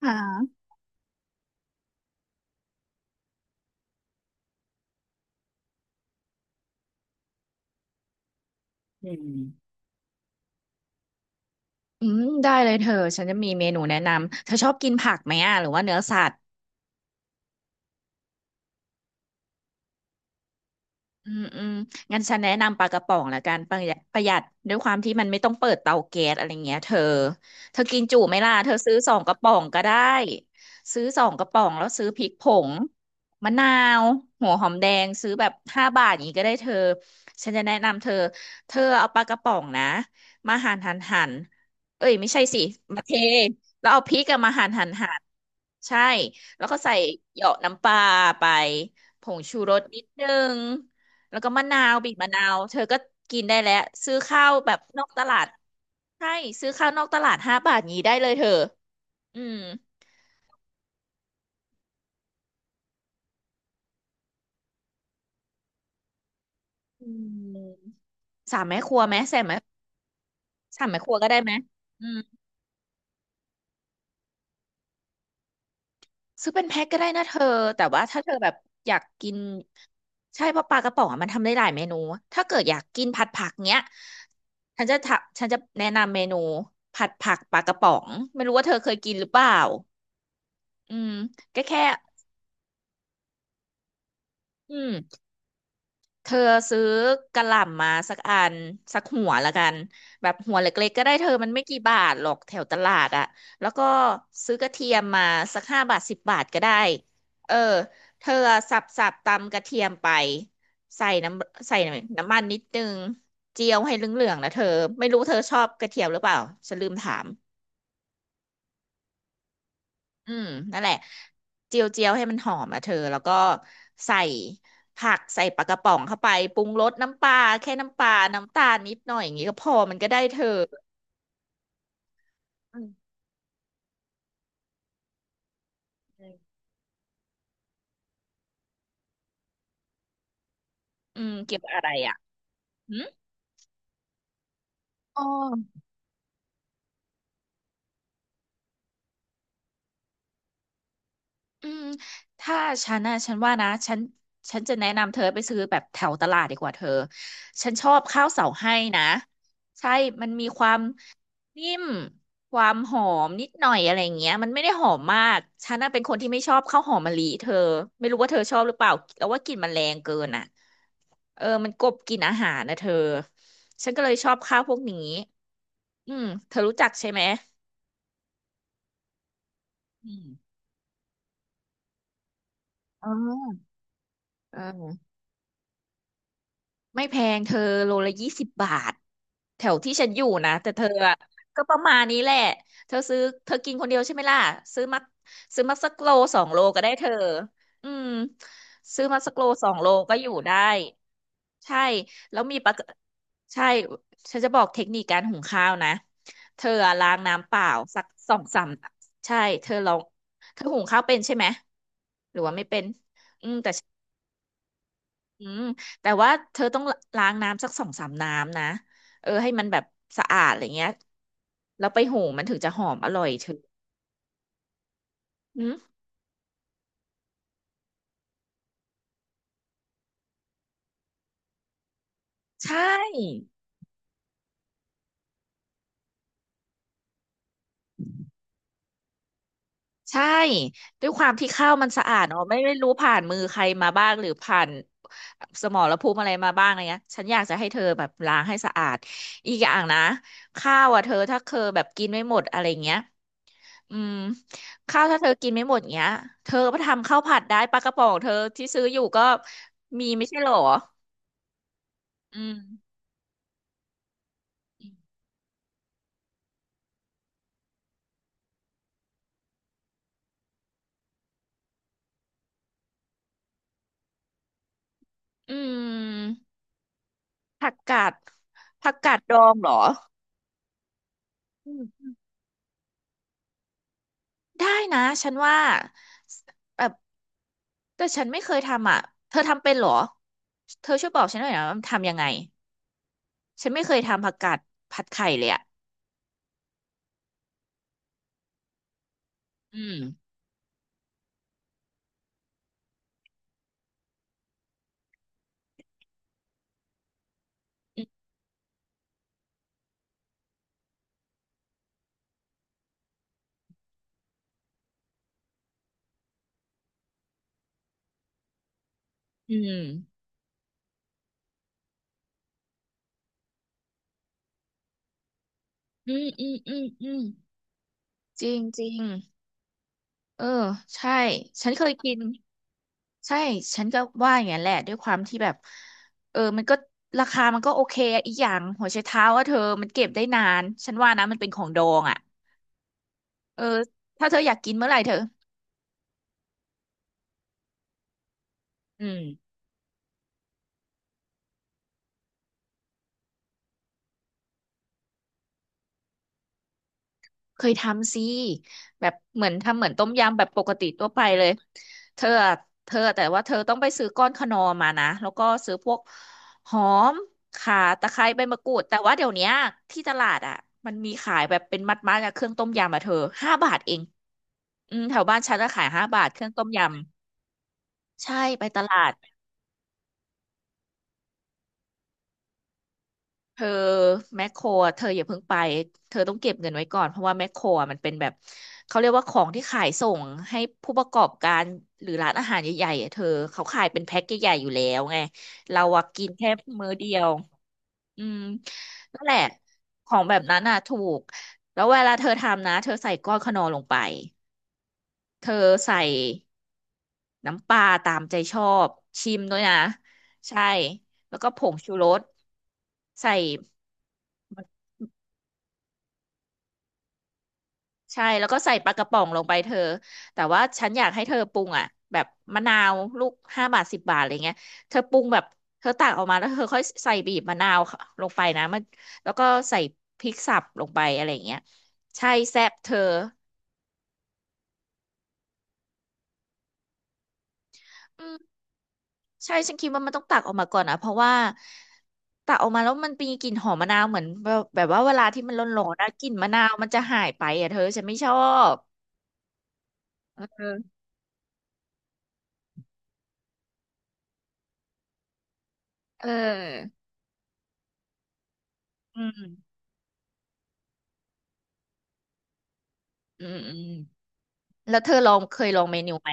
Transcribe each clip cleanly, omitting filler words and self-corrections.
ค่ะอืมอืมได้เลยเธอ ฉันจะมีเมนูแนะนำ เธอชอบกินผักไหมอ่ะ หรือว่าเนื้อสัตว์ อืมอืมงั้นฉันแนะนำปลากระป๋องละกันประหยัดประหยัดด้วยความที่มันไม่ต้องเปิดเตาแก๊สอะไรเงี้ยเธอเธอกินจุไหมล่ะเธอซื้อสองกระป๋องก็ได้ซื้อสองกระป๋องแล้วซื้อพริกผงมะนาวหัวหอมแดงซื้อแบบห้าบาทอย่างนี้ก็ได้เธอฉันจะแนะนำเธอเธอเอาปลากระป๋องนะมาหั่นหั่นหั่นเอ้ยไม่ใช่สิมาเทแล้วเอาพริกอะมาหั่นหั่นหั่น ใช่แล้วก็ใส่เหยาะน้ำปลาไปผงชูรสนิดนึงแล้วก็มะนาวบีบมะนาวเธอก็กินได้แล้วซื้อข้าวแบบนอกตลาดใช่ซื้อข้าวนอกตลาดห้าบาทนี้ได้เลยเธออืมอืมสามแม่ครัวไหมใส่ไหมสามแม่ครัวก็ได้ไหมอืม ซื้อเป็นแพ็คก็ได้นะเธอ แต่ว่าถ้าเธอแบบอยากกินใช่เพราะปลากระป๋องอะมันทำได้หลายเมนู ถ้าเกิดอยากกินผัดผักเนี้ย ฉันจะแนะนำเมนูผัดผักปลากระป๋องไม่รู้ว่าเธอเคยกินหรือเปล่าอืมก็แค่อืม เธอซื้อกะหล่ำมาสักอันสักหัวละกันแบบหัวเล็กๆก็ได้เธอมันไม่กี่บาทหรอกแถวตลาดอะแล้วก็ซื้อกระเทียมมาสัก5 บาท 10 บาทก็ได้เออเธอสับสับตำกระเทียมไปใส่น้ำใส่น้ำมันนิดนึงเจียวให้เหลืองๆนะเธอไม่รู้เธอชอบกระเทียมหรือเปล่าฉันลืมถาม อืมนั่นแหละเจียวเจียวให้มันหอมอ่ะเธอแล้วก็ใส่ผักใส่ปลากระป๋องเข้าไปปรุงรสน้ำปลาแค่น้ำปลาน้ำตาลนิดหน่อยอย่างงี้ก็พอมันก็ได้เธออืมอืมเกี่ยวกับอะไรอ่ะหืมอ๋อ อืมถ้าฉันนะฉันว่านะฉันฉันจะแนะนำเธอไปซื้อแบบแถวตลาดดีกว่าเธอฉันชอบข้าวเสาให้นะใช่มันมีความนิ่มความหอมนิดหน่อยอะไรอย่างเงี้ยมันไม่ได้หอมมากฉันน่ะเป็นคนที่ไม่ชอบข้าวหอมมะลิเธอไม่รู้ว่าเธอชอบหรือเปล่าแล้วว่ากลิ่นมันแรงเกินอ่ะเออมันกลบกลิ่นอาหารนะเธอฉันก็เลยชอบข้าวพวกนี้อืมเธอรู้จักใช่ไหมอืมอ๋อเออ ไม่แพงเธอโลละ20 บาทแถวที่ฉันอยู่นะแต่เธออะก็ประมาณนี้แหละเธอซื้อเธอกินคนเดียวใช่ไหมล่ะซื้อมาซื้อมาสักโลสองโลก็ได้เธออืมซื้อมาสักโลสองโลก็อยู่ได้ใช่แล้วมีปลากระใช่ฉันจะบอกเทคนิคการหุงข้าวนะเธออะล้างน้ำเปล่าสักสองสามใช่เธอลองเธอหุงข้าวเป็นใช่ไหมหรือว่าไม่เป็น อืมแต่ว่าเธอต้องล้างน้ำสักสองสามน้ำนะเออให้มันแบบสะอาดอะไรเงี้ยแล้วไปหุงมันถึงจะหอมอร่อยเธออืมใช่ใช่ด้วยความที่ข้าวมันสะอาดเนาะไม่รู้ผ่านมือใครมาบ้างหรือผ่านสมรภูมิอะไรมาบ้างอะไรเงี้ยฉันอยากจะให้เธอแบบล้างให้สะอาดอีกอย่างนะข้าวอ่ะเธอถ้าเคอแบบกินไม่หมดอะไรเงี้ย อืมข้าวถ้าเธอกินไม่หมดเงี้ยเธอก็ทำข้าวผัดได้ปลากระป๋องเธอที่ซื้ออยู่ก็มีไม่ใช่เหรออืมอืม ผักกาดผักกาดดองเหรออืมได้นะ ฉันว่าแบบแต่ฉันไม่เคยทำอ่ะเธอทำเป็นเหรอเธอช่วยบอกฉันหน่อยนะว่าทำยังไง ฉันไม่เคยทำผักกาดผัดไข่เลยอ่ะอืมอืมอืมอืมอืมอืมอืมจริงจริงเออใช่ฉันเคยกิน ใช่ ฉันก็ว่าอย่างนั้นแหละ ด้วยความที่แบบเออมันก็ราคามันก็โอเคอะอีกอย่าง หัวไชเท้าว่าเธอมันเก็บได้นาน ฉันว่านะมันเป็นของดองอ่ะเออถ้าเธออยากกินเมื่อไหร่เธออืมเคยทำสิแบบเหมือนทำเหมือนต้มยำแบบปกติทั่วไปเลยเธออะเธอแต่ว่าเธอต้องไปซื้อก้อนขนอมมานะ แล้วก็ซื้อพวกหอมข่าตะไคร้ใบมะกรูดแต่ว่าเดี๋ยวเนี้ยที่ตลาดอ่ะมันมีขายแบบเป็นมัดๆอะเครื่องต้มยำอ่ะเธอห้าบาทเอง อืมแถวบ้านฉันจะขายห้าบาทเครื่องต้มยำใช่ไปตลาดเธอแมคโครอะเธออย่าเพิ่งไปเธอต้องเก็บเงินไว้ก่อนเพราะว่าแมคโครอะมันเป็นแบบเขาเรียกว่าของที่ขายส่งให้ผู้ประกอบการหรือร้านอาหารใหญ่ๆอะเธอเขาขายเป็นแพ็คใหญ่ๆอยู่แล้วไงเราอะกินแค่มื้อเดียวอืมนั่นแหละของแบบนั้นน่ะถูกแล้วเวลาเธอทำนะเธอใส่ก้อนขนอลงไปเธอใส่ น้ำปลาตามใจชอบชิมด้วยนะใช่แล้วก็ผงชูรสใส่ใช่แล้วก็ใส่ปลากระป๋องลงไปเธอแต่ว่าฉันอยากให้เธอปรุงอ่ะแบบมะนาวลูกห้าบาทสิบบาทอะไรเงี้ยเธอปรุงแบบเธอตักออกมาแล้วเธอค่อยใส่บีบมะนาวลงไปนะมันแล้วก็ใส่พริกสับลงไปอะไราเงี้ยใช่แซ่บเธออื ใช่ฉันคิดว่ามันต้องตักออกมาก่อนนะเพราะว่าตักออกมาแล้วมันมีกลิ่นหอมมะนาวเหมือนแบบว่าเวลาที่มันร้อนๆนะกลิ่นมะนาวมันจะหายไปอ่ะเธอฉันไม่ชอบเออเอออืมอืมอืมแล้วเธอลองเคยลองเมนูไหม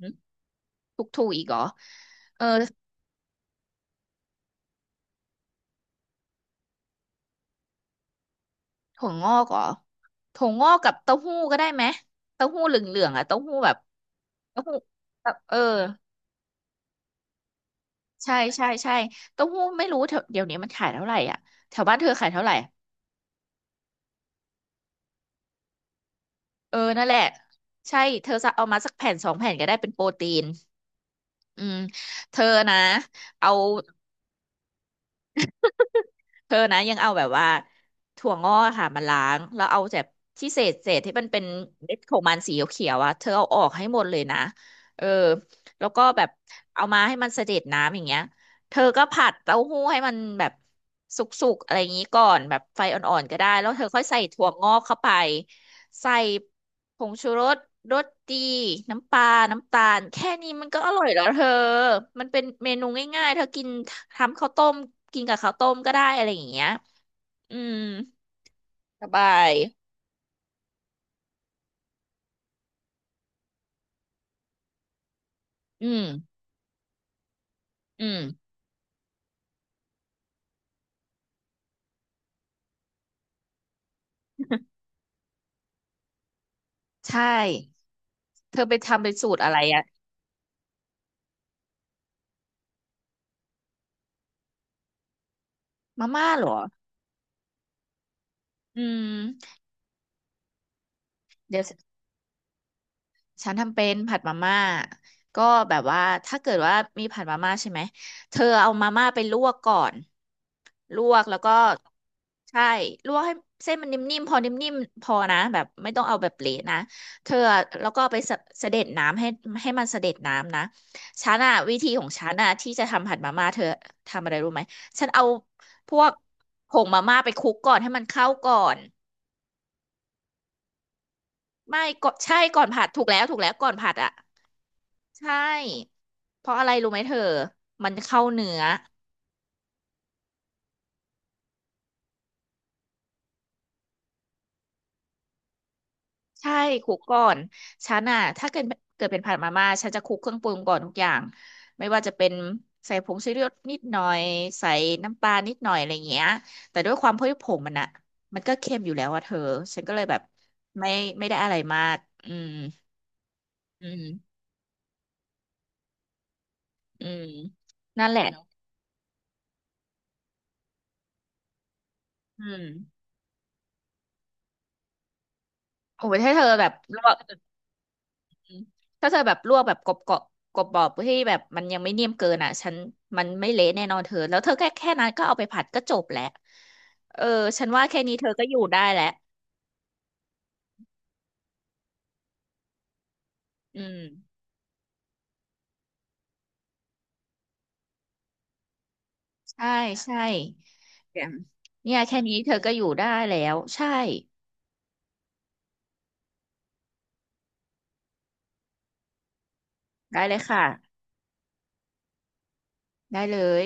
หึทุกถูกอีกเหรอเออถั่วงอกเหรอถั่วงอกกับเต้าหู้ก็ได้ไหมเต้าหู้เหลืองๆอ่ะเต้าหู้แบบเต้าหู้แบบเออใช่ใช่ใช่เต้าหู้ไม่รู้เถอะเดี๋ยวนี้มันขายเท่าไหร่อ่ะแถวบ้านเธอขายเท่าไหร่ เออนั่นแหละใช่เธอจะเอามาสักแผ่นสองแผ่นก็ได้เป็นโปรตีนอืมเธอนะเอาเธอนะยังเอาแบบว่าถั่วงอกค่ะมาล้างแล้วเอาแบบที่เศษที่มันเป็นเม็ดของมันสีเขียวๆอ่ะเธอเอาออกให้หมดเลยนะเออแล้วก็แบบเอามาให้มันเสด็จน้ำอย่างเงี้ยเธอก็ผัดเต้าหู้ให้มันแบบสุกๆอะไรอย่างงี้ก่อนแบบไฟอ่อนๆก็ได้แล้วเธอค่อยใส่ถั่วงอกเข้าไปใส่ ผงชูรสรสดีน้ำปลาน้ำตาล แค่นี้มันก็อร่อยแล้วเธอ มันเป็นเมนูง่ายๆเธอกินทำข้าวต้มกินกับข้าวต้มก็ได้อะไรอย่างเงี้ยอืมสบายอืมอืมใช่ เธอไปทำเป็นสูตรอะไรอะมาม่าเหรอ อืมเดี๋ยว ฉันทำเป็นผัดมาม่าก็แบบว่าถ้าเกิดว่ามีผัดมาม่าใช่ไหมเธอเอามาม่าไปลวกก่อนลวกแล้วก็ใช่ลวกให้เส้นมันนิ่มๆพอนิ่มๆพอนะแบบไม่ต้องเอาแบบเละนะเธอแล้วก็ไปสะเสด็จน้ำให้ให้มันเสด็จน้ำนะฉันอะวิธีของฉันอะที่จะทำผัดมาม่าเธอทำอะไรรู้ไหมฉันเอาพวกผงมาม่าไปคลุกก่อนให้มันเข้าก่อนไม่ก็ใช่ก่อนผัดถูกแล้วถูกแล้วก่อนผัดอะ ใช่ เพราะอะไรรู้ไหมเธอ มันเข้าเนื้อใช่คลุกก่อน ฉันอ่ะถ้าเกิดเป็นผัดมาม่าฉันจะคลุกเครื่องปรุงก่อนทุกอย่างไม่ว่าจะเป็นใส่ผงชูรสนิดหน่อยใส่น้ำปลานิดหน่อยอะไรเงี้ยแต่ด้วยความที่ผมมันอ่ะมันก็เค็มอยู่แล้วอะเธอฉันก็เลยแบบไม่ไม่ได้อะไรมากอืมอืมอืมนั่นแหละอืมโอ้ยถ้าเธอแบบลวก ถ้าเธอแบบลวกแบบกรอบกรอบกรอบๆที่แบบมันยังไม่เนียมเกินอ่ะฉันมันไม่เละแน่นอนเธอแล้วเธอแค่นั้นก็เอาไปผัดก็จบแล้วเออฉันว่าแค่นี้เธอก็อยู่ได้แล้วอืมใช่ใช่เนี่ยแค่นี้เธอก็อยู่ได้แล้วใช่ได้เลยค่ะได้เลย